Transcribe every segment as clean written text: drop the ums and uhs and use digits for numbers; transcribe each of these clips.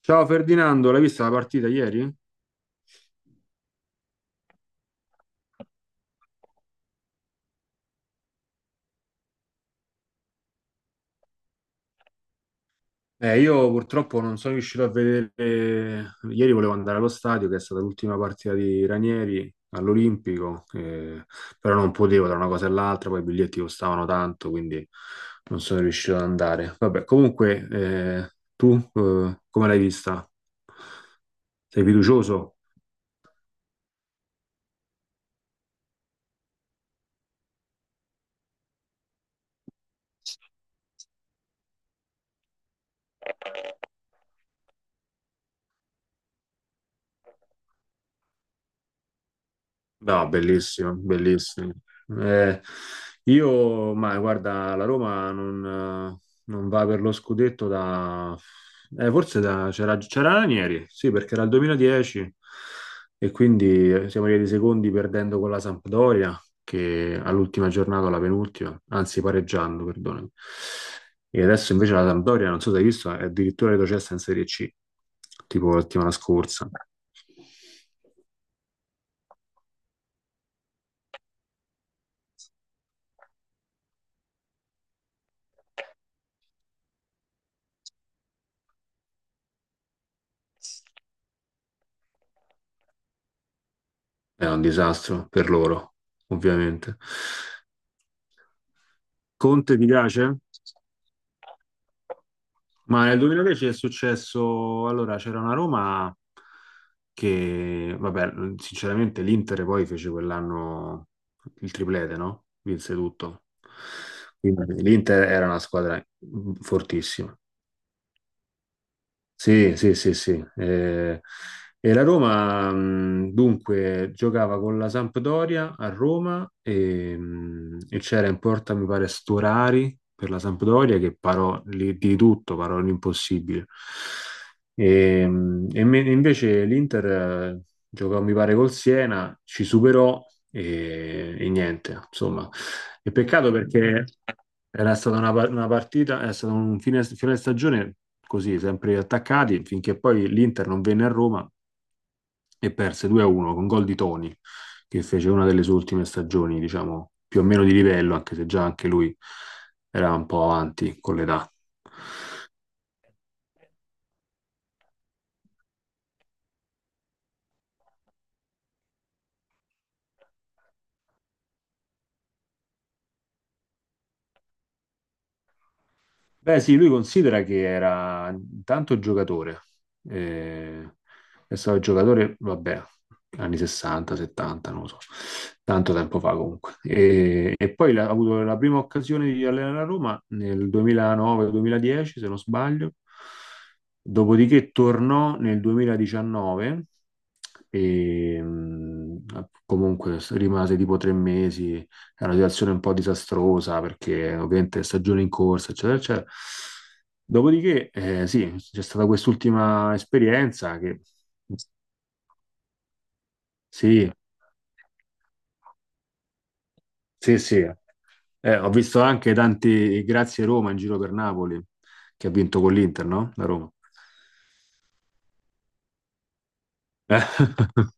Ciao Ferdinando, l'hai vista la partita ieri? Io purtroppo non sono riuscito a vedere. Ieri volevo andare allo stadio, che è stata l'ultima partita di Ranieri all'Olimpico, però non potevo tra una cosa e l'altra, poi i biglietti costavano tanto, quindi non sono riuscito ad andare. Vabbè, comunque, tu come l'hai vista? Sei fiducioso? No, bellissimo, bellissimo. Eh, io, ma guarda, la Roma eh, non va per lo scudetto da... forse da... c'era Ranieri, sì, perché era il 2010 e quindi siamo arrivati secondi perdendo con la Sampdoria, che all'ultima giornata, alla penultima, anzi pareggiando, perdonami. E adesso invece la Sampdoria, non so se hai visto, è addirittura retrocessa in Serie C, tipo la settimana scorsa. È un disastro per loro, ovviamente. Conte ti piace? Ma nel 2010 è successo, allora c'era una Roma che, vabbè, sinceramente l'Inter poi fece quell'anno il triplete, no? Vinse tutto. Quindi l'Inter era una squadra fortissima. Sì, sì, sì, sì. E la Roma, dunque, giocava con la Sampdoria a Roma e c'era in porta, mi pare, Storari per la Sampdoria che parò lì di tutto, parò l'impossibile. E invece l'Inter giocò, mi pare, col Siena, ci superò e niente, insomma. E peccato perché... Era stata una partita, è stato un fine stagione così, sempre attaccati, finché poi l'Inter non venne a Roma e perse 2-1 con gol di Toni, che fece una delle sue ultime stagioni, diciamo, più o meno di livello, anche se già anche lui era un po' avanti con l'età. Beh, sì, lui considera che era intanto giocatore, eh, è stato giocatore, vabbè, anni 60, 70, non lo so, tanto tempo fa comunque. E poi ha avuto la prima occasione di allenare a Roma nel 2009-2010, se non sbaglio, dopodiché tornò nel 2019 e comunque rimase tipo 3 mesi, è una situazione un po' disastrosa perché ovviamente stagione in corsa, eccetera, eccetera. Dopodiché, sì, c'è stata quest'ultima esperienza che sì, sì, sì. Ho visto anche tanti grazie Roma in giro per Napoli, che ha vinto con l'Inter, no? La Roma. Eh,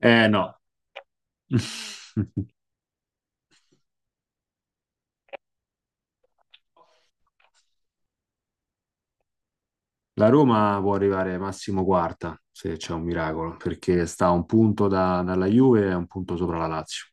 no. La Roma può arrivare massimo quarta, se c'è un miracolo, perché sta a un punto dalla Juve e un punto sopra la Lazio.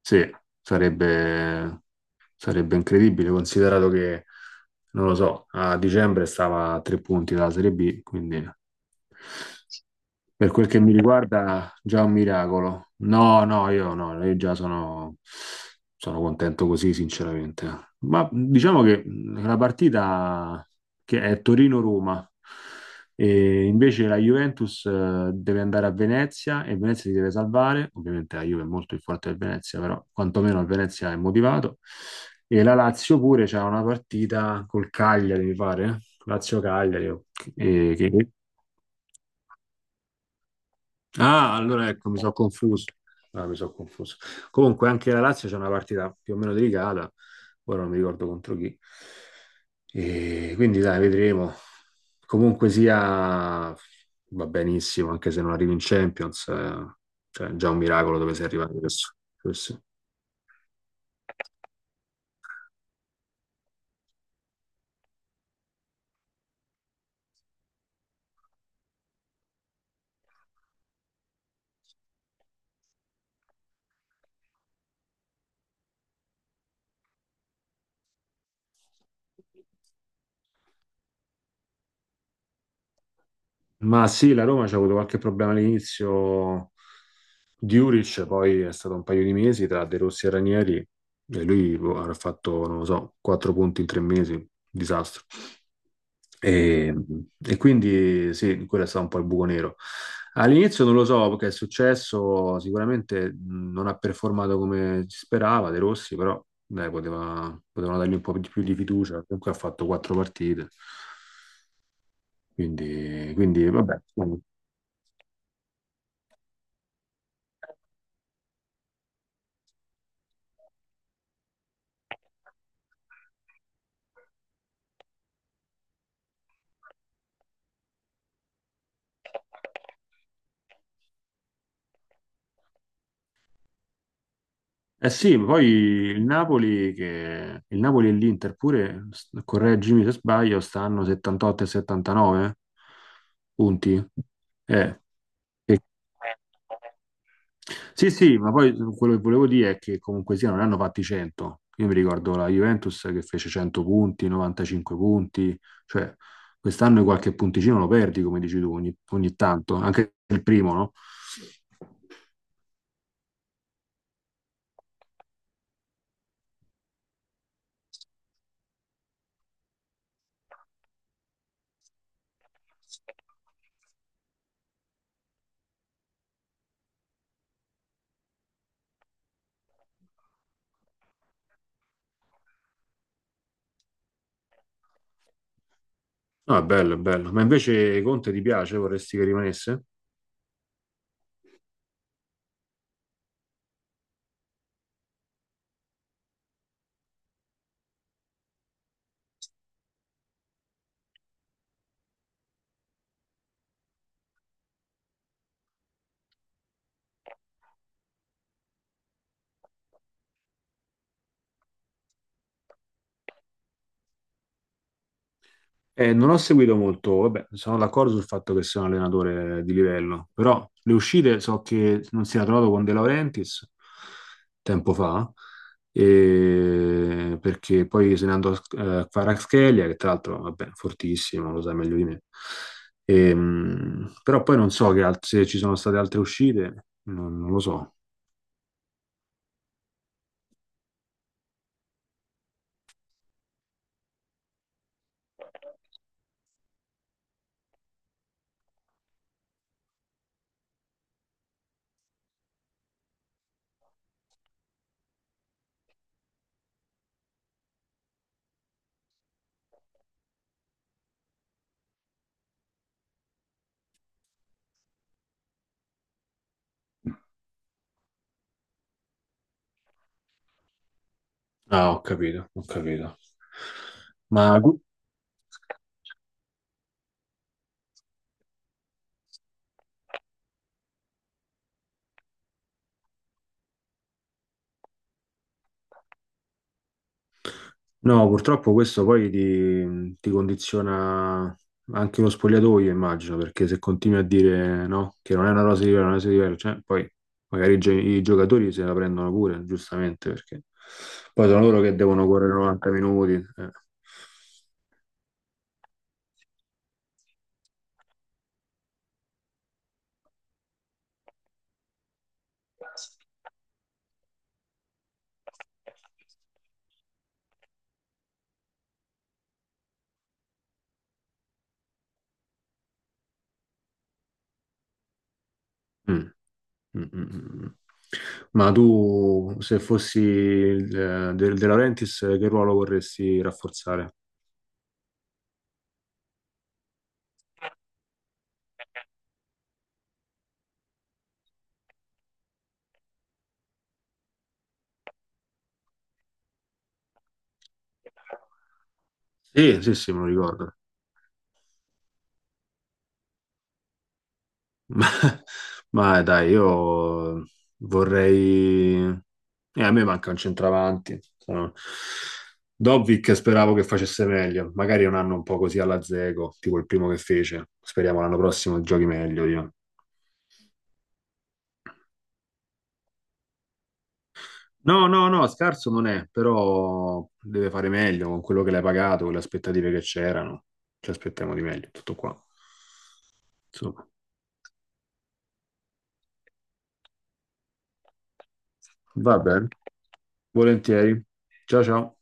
Sì, sarebbe, sarebbe incredibile, considerato che, non lo so, a dicembre stava a tre punti dalla Serie B, quindi per quel che mi riguarda, già un miracolo. No, no, io no, io già sono contento così, sinceramente. Ma diciamo che la partita che è Torino-Roma, e invece la Juventus deve andare a Venezia e Venezia si deve salvare. Ovviamente la Juve è molto più forte del Venezia, però quantomeno il Venezia è motivato. E la Lazio pure c'ha una partita col Cagliari, mi pare. Eh? Lazio-Cagliari, eh, che, ah, allora ecco, mi sono confuso. Ah, mi sono confuso. Comunque, anche la Lazio c'è una partita più o meno delicata. Ora non mi ricordo contro chi. E quindi, dai, vedremo. Comunque sia, va benissimo, anche se non arrivi in Champions. Cioè, è già un miracolo dove sei arrivato adesso. Questo. Ma sì, la Roma c'ha avuto qualche problema all'inizio. Diuric poi è stato un paio di mesi tra De Rossi e Ranieri e lui boh, avrà fatto, non lo so, quattro punti in 3 mesi, disastro. E, e quindi sì, quello è stato un po' il buco nero. All'inizio non lo so che è successo, sicuramente non ha performato come si sperava De Rossi, però dai, potevano dargli un po' di più di fiducia, comunque ha fatto quattro partite, quindi vabbè. Eh sì, poi il Napoli, il Napoli e l'Inter pure, correggimi se sbaglio, stanno 78 e 79 punti. Eh, Sì, sì, ma poi quello che volevo dire è che comunque sia, non ne hanno fatti 100. Io mi ricordo la Juventus che fece 100 punti, 95 punti, cioè quest'anno qualche punticino lo perdi, come dici tu, ogni tanto, anche il primo, no? No, è bello, è bello. Ma invece Conte ti piace? Vorresti che rimanesse? Non ho seguito molto, vabbè, sono d'accordo sul fatto che sia un allenatore di livello, però le uscite so che non si era trovato con De Laurentiis tempo fa, perché poi se ne andò a Kvaratskhelia, che tra l'altro, vabbè, fortissimo, lo sai meglio di me. Però poi non so se ci sono state altre uscite, non lo so. Ah, ho capito, ho capito. Ma... No, purtroppo questo poi ti condiziona anche lo spogliatoio, immagino, perché se continui a dire no, che non è una cosa diversa, non è una cosa diversa, cioè, poi magari i giocatori se la prendono pure, giustamente, perché poi sono loro che devono correre 90 minuti, eh. Mm, mm, mm, mm. Mm. Ma tu, se fossi il De Laurentiis, che ruolo vorresti rafforzare? Sì, sì, sì, me lo ricordo. Ma, ma dai, io vorrei... a me manca un centravanti. Sono... Dobbik speravo che facesse meglio, magari un anno un po' così alla Zego, tipo il primo che fece. Speriamo l'anno prossimo giochi meglio io. No, no, no, scarso non è, però deve fare meglio con quello che l'hai pagato, con le aspettative che c'erano. Ci aspettiamo di meglio, tutto qua. Insomma, va bene. Volentieri. Ciao ciao.